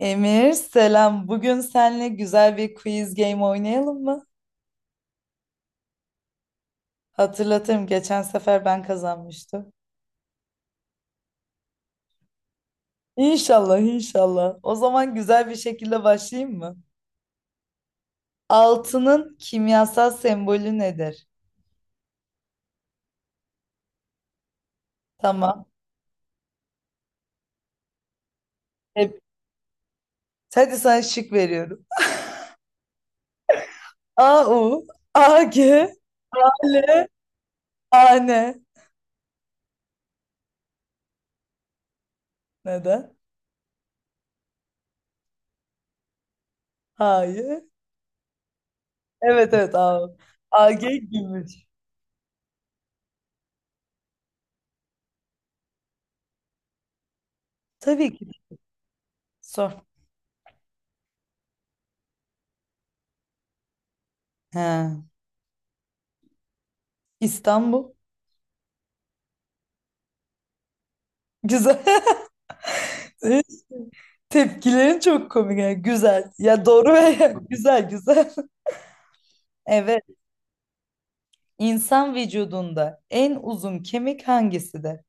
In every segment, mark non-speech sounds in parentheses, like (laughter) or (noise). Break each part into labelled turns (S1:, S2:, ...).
S1: Emir, selam. Bugün seninle güzel bir quiz game oynayalım mı? Hatırlatırım, geçen sefer ben kazanmıştım. İnşallah, inşallah. O zaman güzel bir şekilde başlayayım mı? Altının kimyasal sembolü nedir? Tamam. Hep. Hadi sana şık veriyorum. AU, AG, L, AN. Neden? Hayır. Evet, evet, AU. AG gümüş. Tabii ki. Sor. He. İstanbul. Güzel. (laughs) Evet. Tepkilerin çok komik, yani güzel. Ya, doğru ve (laughs) güzel güzel. Evet. İnsan vücudunda en uzun kemik hangisidir?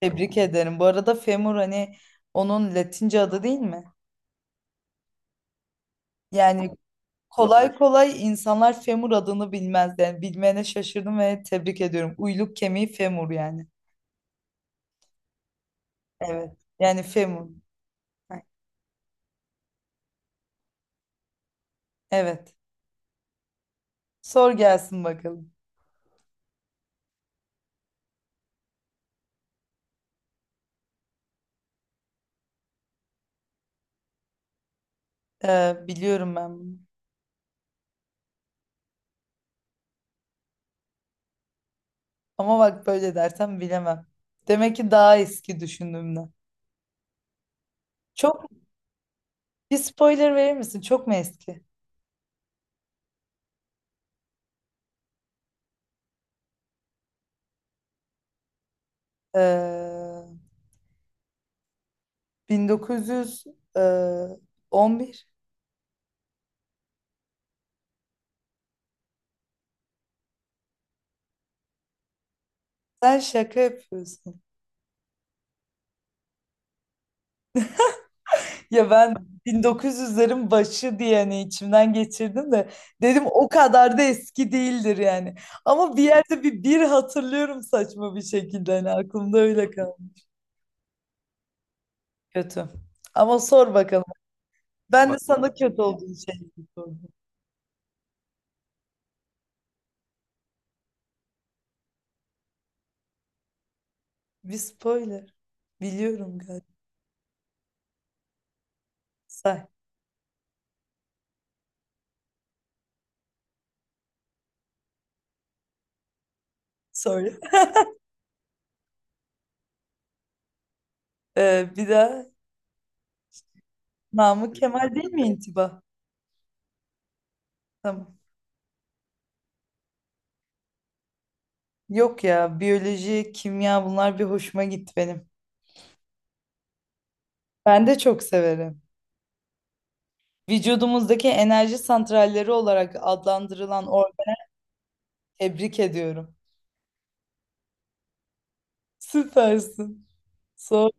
S1: Tebrik ederim. Bu arada femur, hani onun Latince adı değil mi? Yani kolay kolay insanlar femur adını bilmez. Yani bilmeyene şaşırdım ve tebrik ediyorum. Uyluk kemiği femur yani. Evet. Yani femur. Evet. Sor gelsin bakalım. Biliyorum ben bunu. Ama bak, böyle dersem bilemem. Demek ki daha eski düşündüğümden. Çok... Bir spoiler verir misin? Çok mu eski? Ee, 1911. Sen şaka yapıyorsun. Ya ben 1900'lerin başı diye, hani, içimden geçirdim de dedim o kadar da eski değildir yani. Ama bir yerde bir bir hatırlıyorum, saçma bir şekilde hani aklımda öyle kaldı. Kötü. Ama sor bakalım. Ben de... Bak, sana kötü olduğun şeyi sor. Bir spoiler. Biliyorum galiba. Say. Sorry. Bir daha... Namık Kemal değil mi intiba? Tamam. Yok ya, biyoloji, kimya, bunlar bir hoşuma gitti benim. Ben de çok severim. Vücudumuzdaki enerji santralleri olarak adlandırılan organ... Tebrik ediyorum. Süpersin. Sor.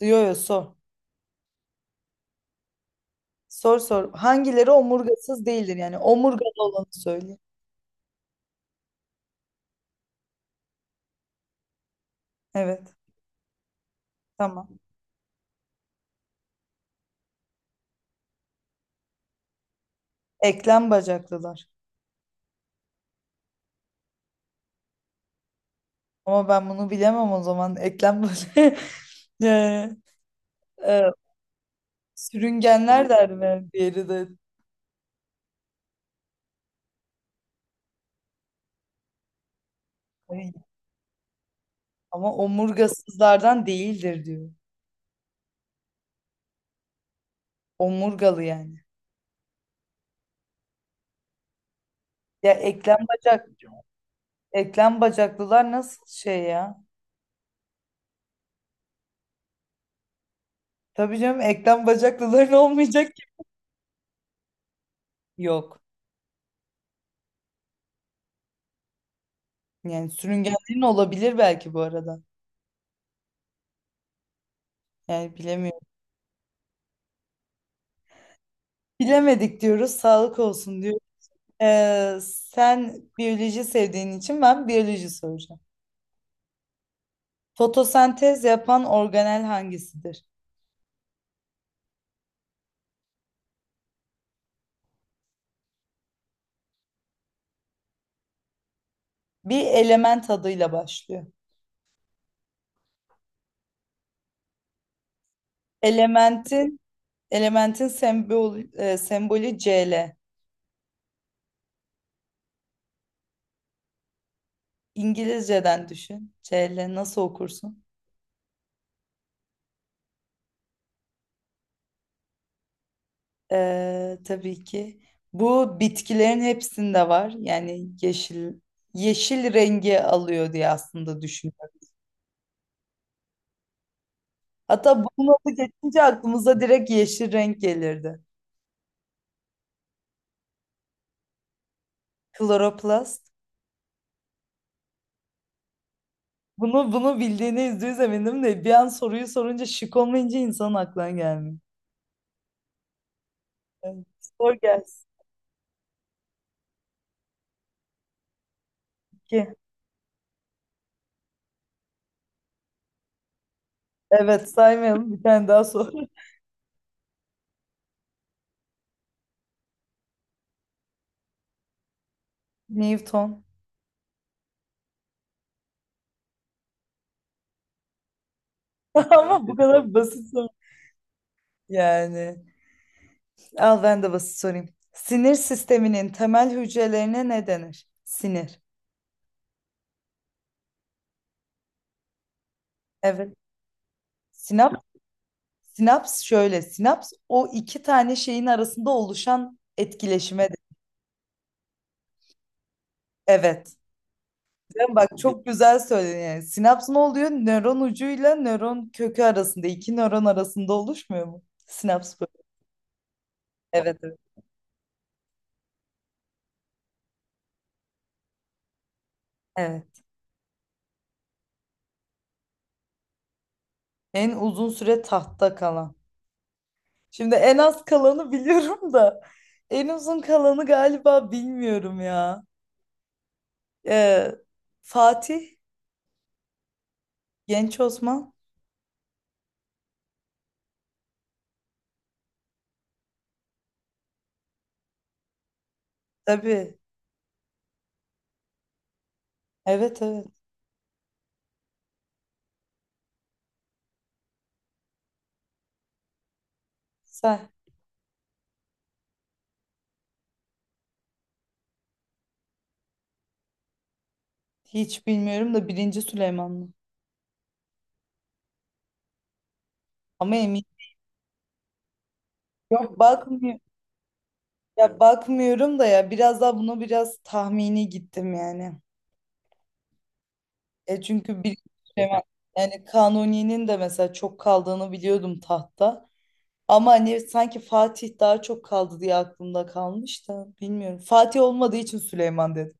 S1: Yo yo, sor. Sor sor. Hangileri omurgasız değildir, yani omurgalı olanı söyle. Evet. Tamam. Eklem bacaklılar. Ama ben bunu bilemem o zaman. Eklem böyle. (laughs) Ee, e, sürüngenler der mi? Diğeri de. Ay. Ama omurgasızlardan değildir diyor. Omurgalı yani. Ya, eklem bacak, eklem bacaklılar nasıl şey ya? Tabii canım, eklem bacaklıların (laughs) olmayacak ki. Yok. Yani sürüngenlerin olabilir belki bu arada. Yani bilemiyorum. Bilemedik diyoruz. Sağlık olsun diyor. Sen biyoloji sevdiğin için ben biyoloji soracağım. Fotosentez yapan organel hangisidir? Bir element adıyla başlıyor. Elementin elementin sembolü Cl. İngilizceden düşün. C Cl nasıl okursun? Tabii ki. Bu bitkilerin hepsinde var. Yani yeşil yeşil rengi alıyor diye aslında düşünüyorum. Hatta bunun adı geçince aklımıza direkt yeşil renk gelirdi. Kloroplast. Bunu bildiğine %100 eminim de bir an soruyu sorunca şık olmayınca insanın aklına gelmiyor. Evet, sor gelsin. İki. Evet, saymayalım, bir tane daha sor. (laughs) Newton. (laughs) Ama bu kadar basit soru. Yani al, ben de basit sorayım. Sinir sisteminin temel hücrelerine ne denir? Sinir. Evet. Sinaps, sinaps şöyle. Sinaps o iki tane şeyin arasında oluşan etkileşime. Evet. Değil mi? Bak, çok güzel söyledin yani. Sinaps ne oluyor? Nöron ucuyla nöron kökü arasında, iki nöron arasında oluşmuyor mu? Sinaps böyle. Evet, evet. Evet. En uzun süre tahtta kalan... Şimdi en az kalanı biliyorum da en uzun kalanı galiba bilmiyorum ya. Ee, Fatih, Genç Osman. Tabii. Evet, evet. Sen. Hiç bilmiyorum da birinci Süleymanlı. Ama emin. Yok, bakmıyorum. Ya bakmıyorum da, ya biraz daha buna biraz tahmini gittim yani. E çünkü bir şey var. Yani Kanuni'nin de mesela çok kaldığını biliyordum tahtta. Ama hani sanki Fatih daha çok kaldı diye aklımda kalmış da bilmiyorum. Fatih olmadığı için Süleyman dedim.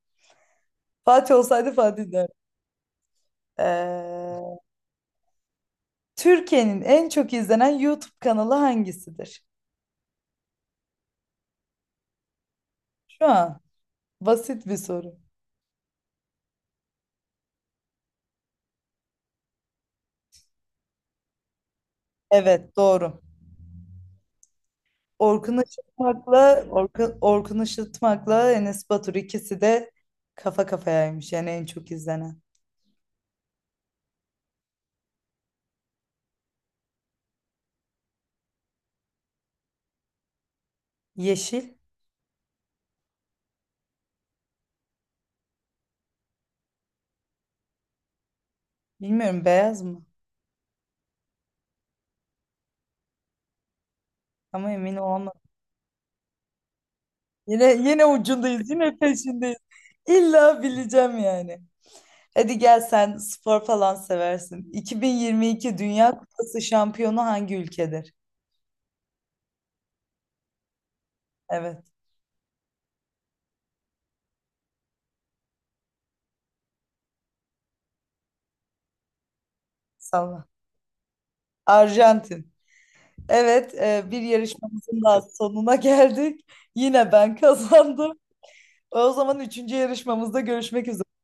S1: Fatih olsaydı Fatih derdim. Ee, Türkiye'nin en çok izlenen YouTube kanalı hangisidir? Şu an... Basit bir soru. Evet, doğru. Orkun Işıtmak'la Orkun Işıtmak'la Enes Batur, ikisi de kafa kafayaymış yani en çok izlenen. Yeşil... Bilmiyorum, beyaz mı, ama emin olamadım. Yine ucundayız, yine peşindeyiz. İlla bileceğim yani. Hadi gel, sen spor falan seversin. 2022 Dünya Kupası şampiyonu hangi ülkedir? Evet, salla. Arjantin. Evet, bir yarışmamızın daha sonuna geldik. Yine ben kazandım. O zaman üçüncü yarışmamızda görüşmek üzere.